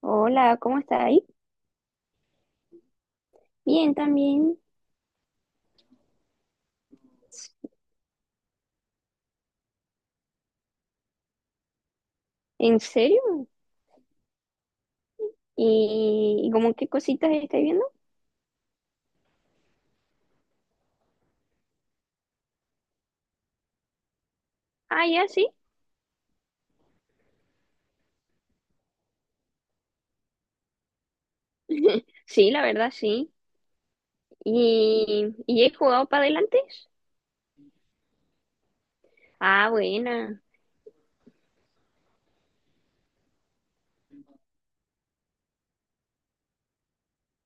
Hola, ¿cómo está ahí? Bien, también. ¿En serio? ¿Y, como qué cositas estáis viendo? Ah, ya, sí. Sí, la verdad, sí. ¿Y, he jugado para adelante? Ah, buena.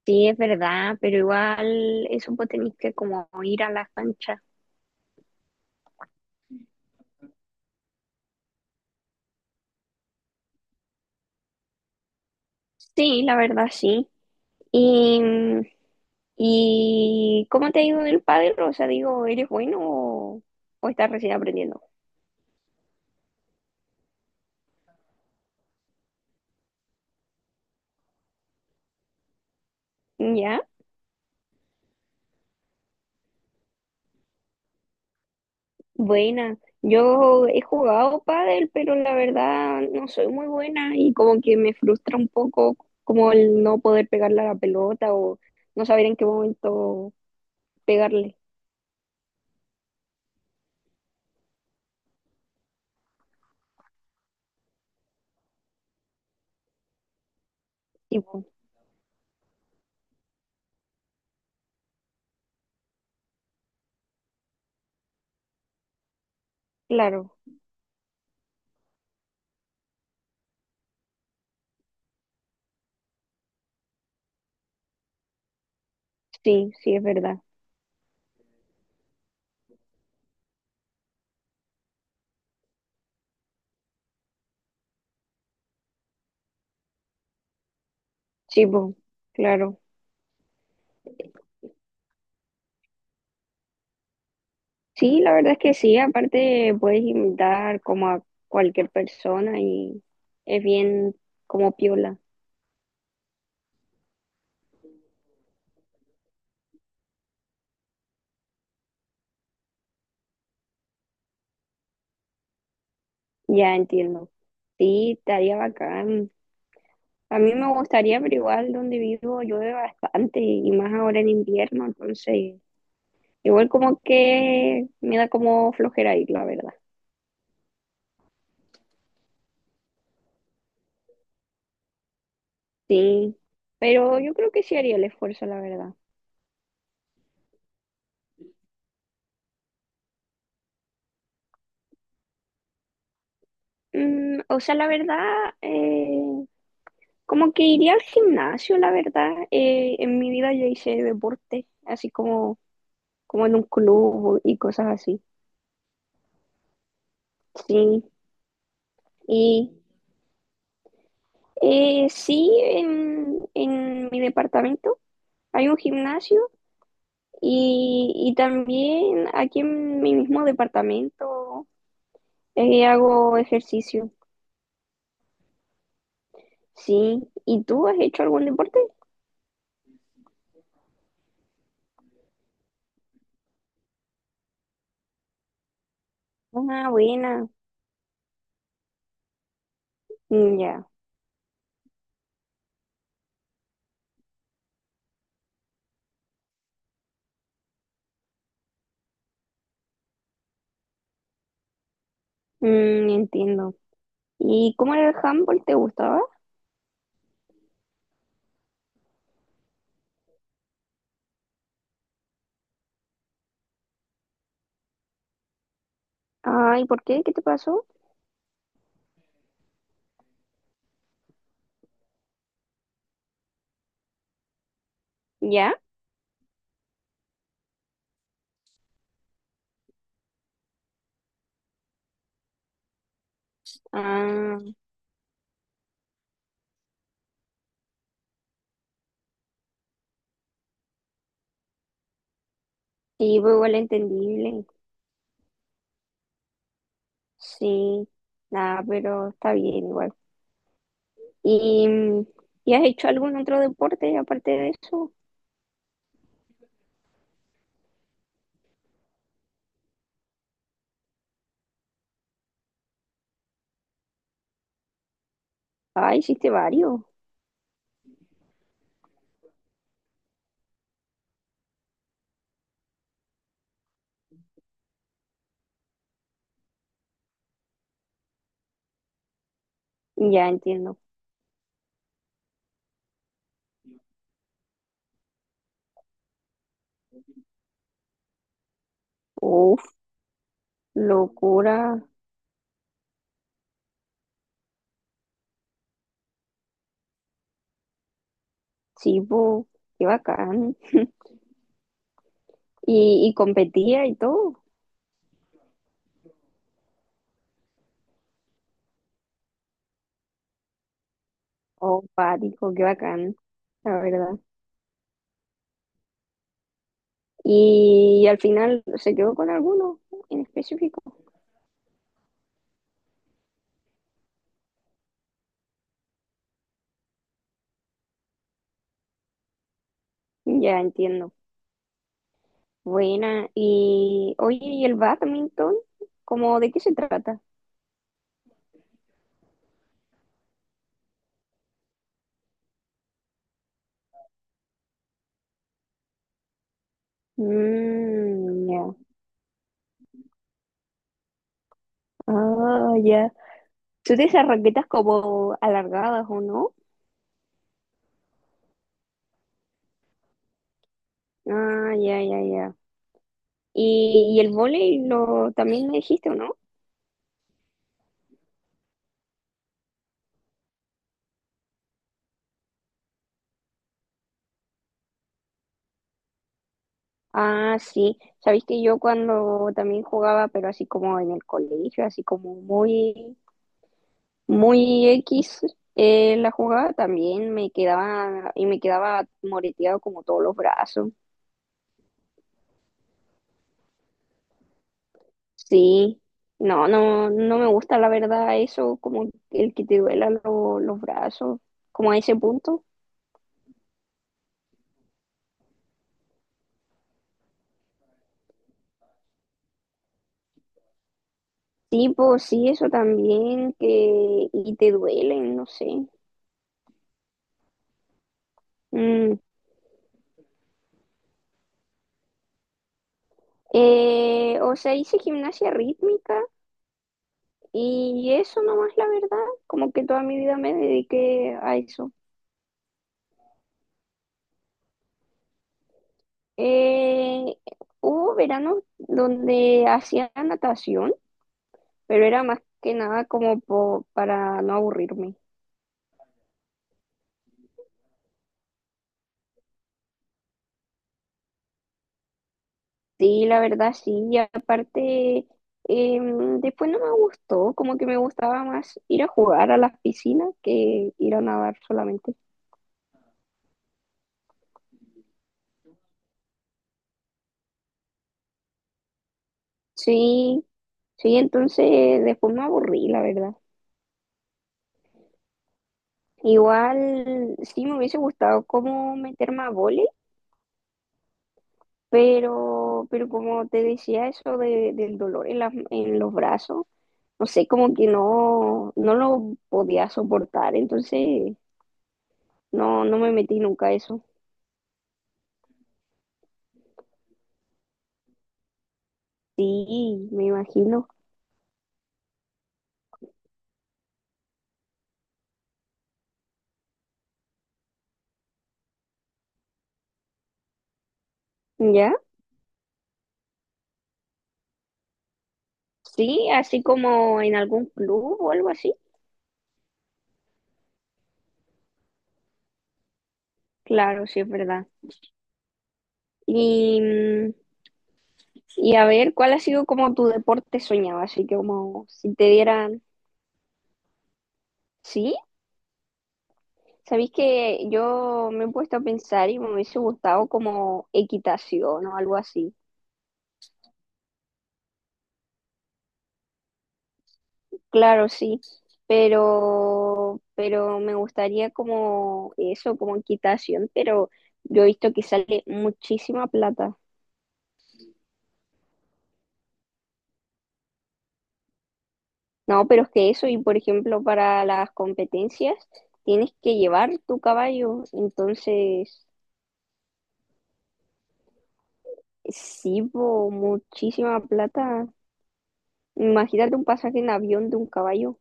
Sí, es verdad, pero igual eso vos tenéis que como ir a la cancha. Sí, la verdad, sí. ¿Y, ¿Y cómo te ha ido el pádel? O sea, digo, ¿eres bueno o estás recién aprendiendo? ¿Ya? Buena, yo he jugado pádel, pero la verdad no soy muy buena y como que me frustra un poco como el no poder pegarle a la pelota o no saber en qué momento pegarle. Tipo, claro, sí, sí es verdad. Sí, po, claro. Sí, la verdad es que sí, aparte puedes imitar como a cualquier persona y es bien como piola. Ya entiendo. Sí, estaría bacán. A mí me gustaría, pero igual donde vivo llueve bastante y más ahora en invierno, entonces igual como que me da como flojera ir, la verdad. Sí, pero yo creo que sí haría el esfuerzo, la verdad. Mm, o sea, la verdad, eh, como que iría al gimnasio, la verdad. En mi vida yo hice deporte, así como, como en un club y cosas así. Sí, y sí, en mi departamento hay un gimnasio. Y también aquí en mi mismo departamento hago ejercicio. Sí, ¿y tú has hecho algún deporte? Ah, buena. Mm. Ya. Mm, entiendo. ¿Y cómo era el handball? ¿Te gustaba? Ah, ¿y por qué? ¿Qué te pasó? ¿Ya? Ah, sí, pues igual entendible. Sí, nada, pero está bien igual. ¿Y, mm, ¿y has hecho algún otro deporte aparte de eso? Ah, hiciste varios. Ya entiendo. Locura, chivo, qué bacán. Y competía y todo. Oh, pático, qué bacán, la verdad. Y, al final se quedó con alguno en específico. Ya entiendo. Buena. Y oye, ¿y el badminton? ¿Cómo de qué se trata? Mm, ya. Ah, ya. ¿Tú tienes esas raquetas como alargadas o no? Ah, ya, ya, ya. ¿Y, el vóley lo también me dijiste o no? Ah, sí. Sabéis que yo cuando también jugaba, pero así como en el colegio, así como muy, muy X, la jugaba también me quedaba y me quedaba moreteado como todos los brazos. Sí. No, no, no me gusta la verdad eso, como el que te duela los brazos, como a ese punto. Sí, pues sí, eso también, que y te duelen, no sé. Mm. O sea, hice gimnasia rítmica. Y eso nomás, la verdad, como que toda mi vida me dediqué a eso. Eh, Hubo veranos donde hacía natación, pero era más que nada como para no aburrirme. Sí, la verdad, sí. Y aparte, después no me gustó, como que me gustaba más ir a jugar a las piscinas que ir a nadar solamente. Sí, sí, entonces después me aburrí, la verdad. Igual sí me hubiese gustado como meterme a vóley. Pero como te decía, eso de, del dolor en las, en los brazos, no sé, como que no, no lo podía soportar, entonces no, no me metí nunca a eso. Sí, me imagino. ¿Ya? Sí, así como en algún club o algo así. Claro, sí es verdad. Y, mm, y a ver, ¿cuál ha sido como tu deporte soñado? Así que como si te dieran, ¿sí? Sabéis que yo me he puesto a pensar y me hubiese gustado como equitación o algo así. Claro, sí, pero me gustaría como eso, como equitación, pero yo he visto que sale muchísima plata. No, pero es que eso, y por ejemplo, para las competencias tienes que llevar tu caballo, entonces sí, po, muchísima plata. Imagínate un pasaje en avión de un caballo.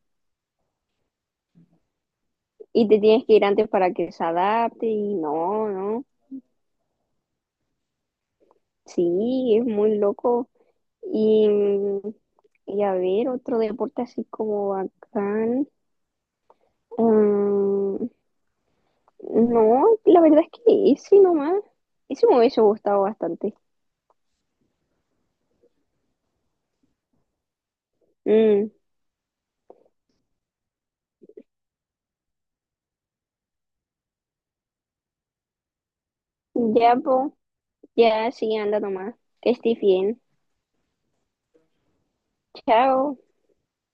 Y te tienes que ir antes para que se adapte y no, no. Sí, es muy loco. Y, y a ver, otro deporte así como bacán. Mm, no, la verdad es que ese nomás. Ese me hubiese gustado bastante. Mm, ya, po, ya, sí, anda nomás. Que estés bien. Chao.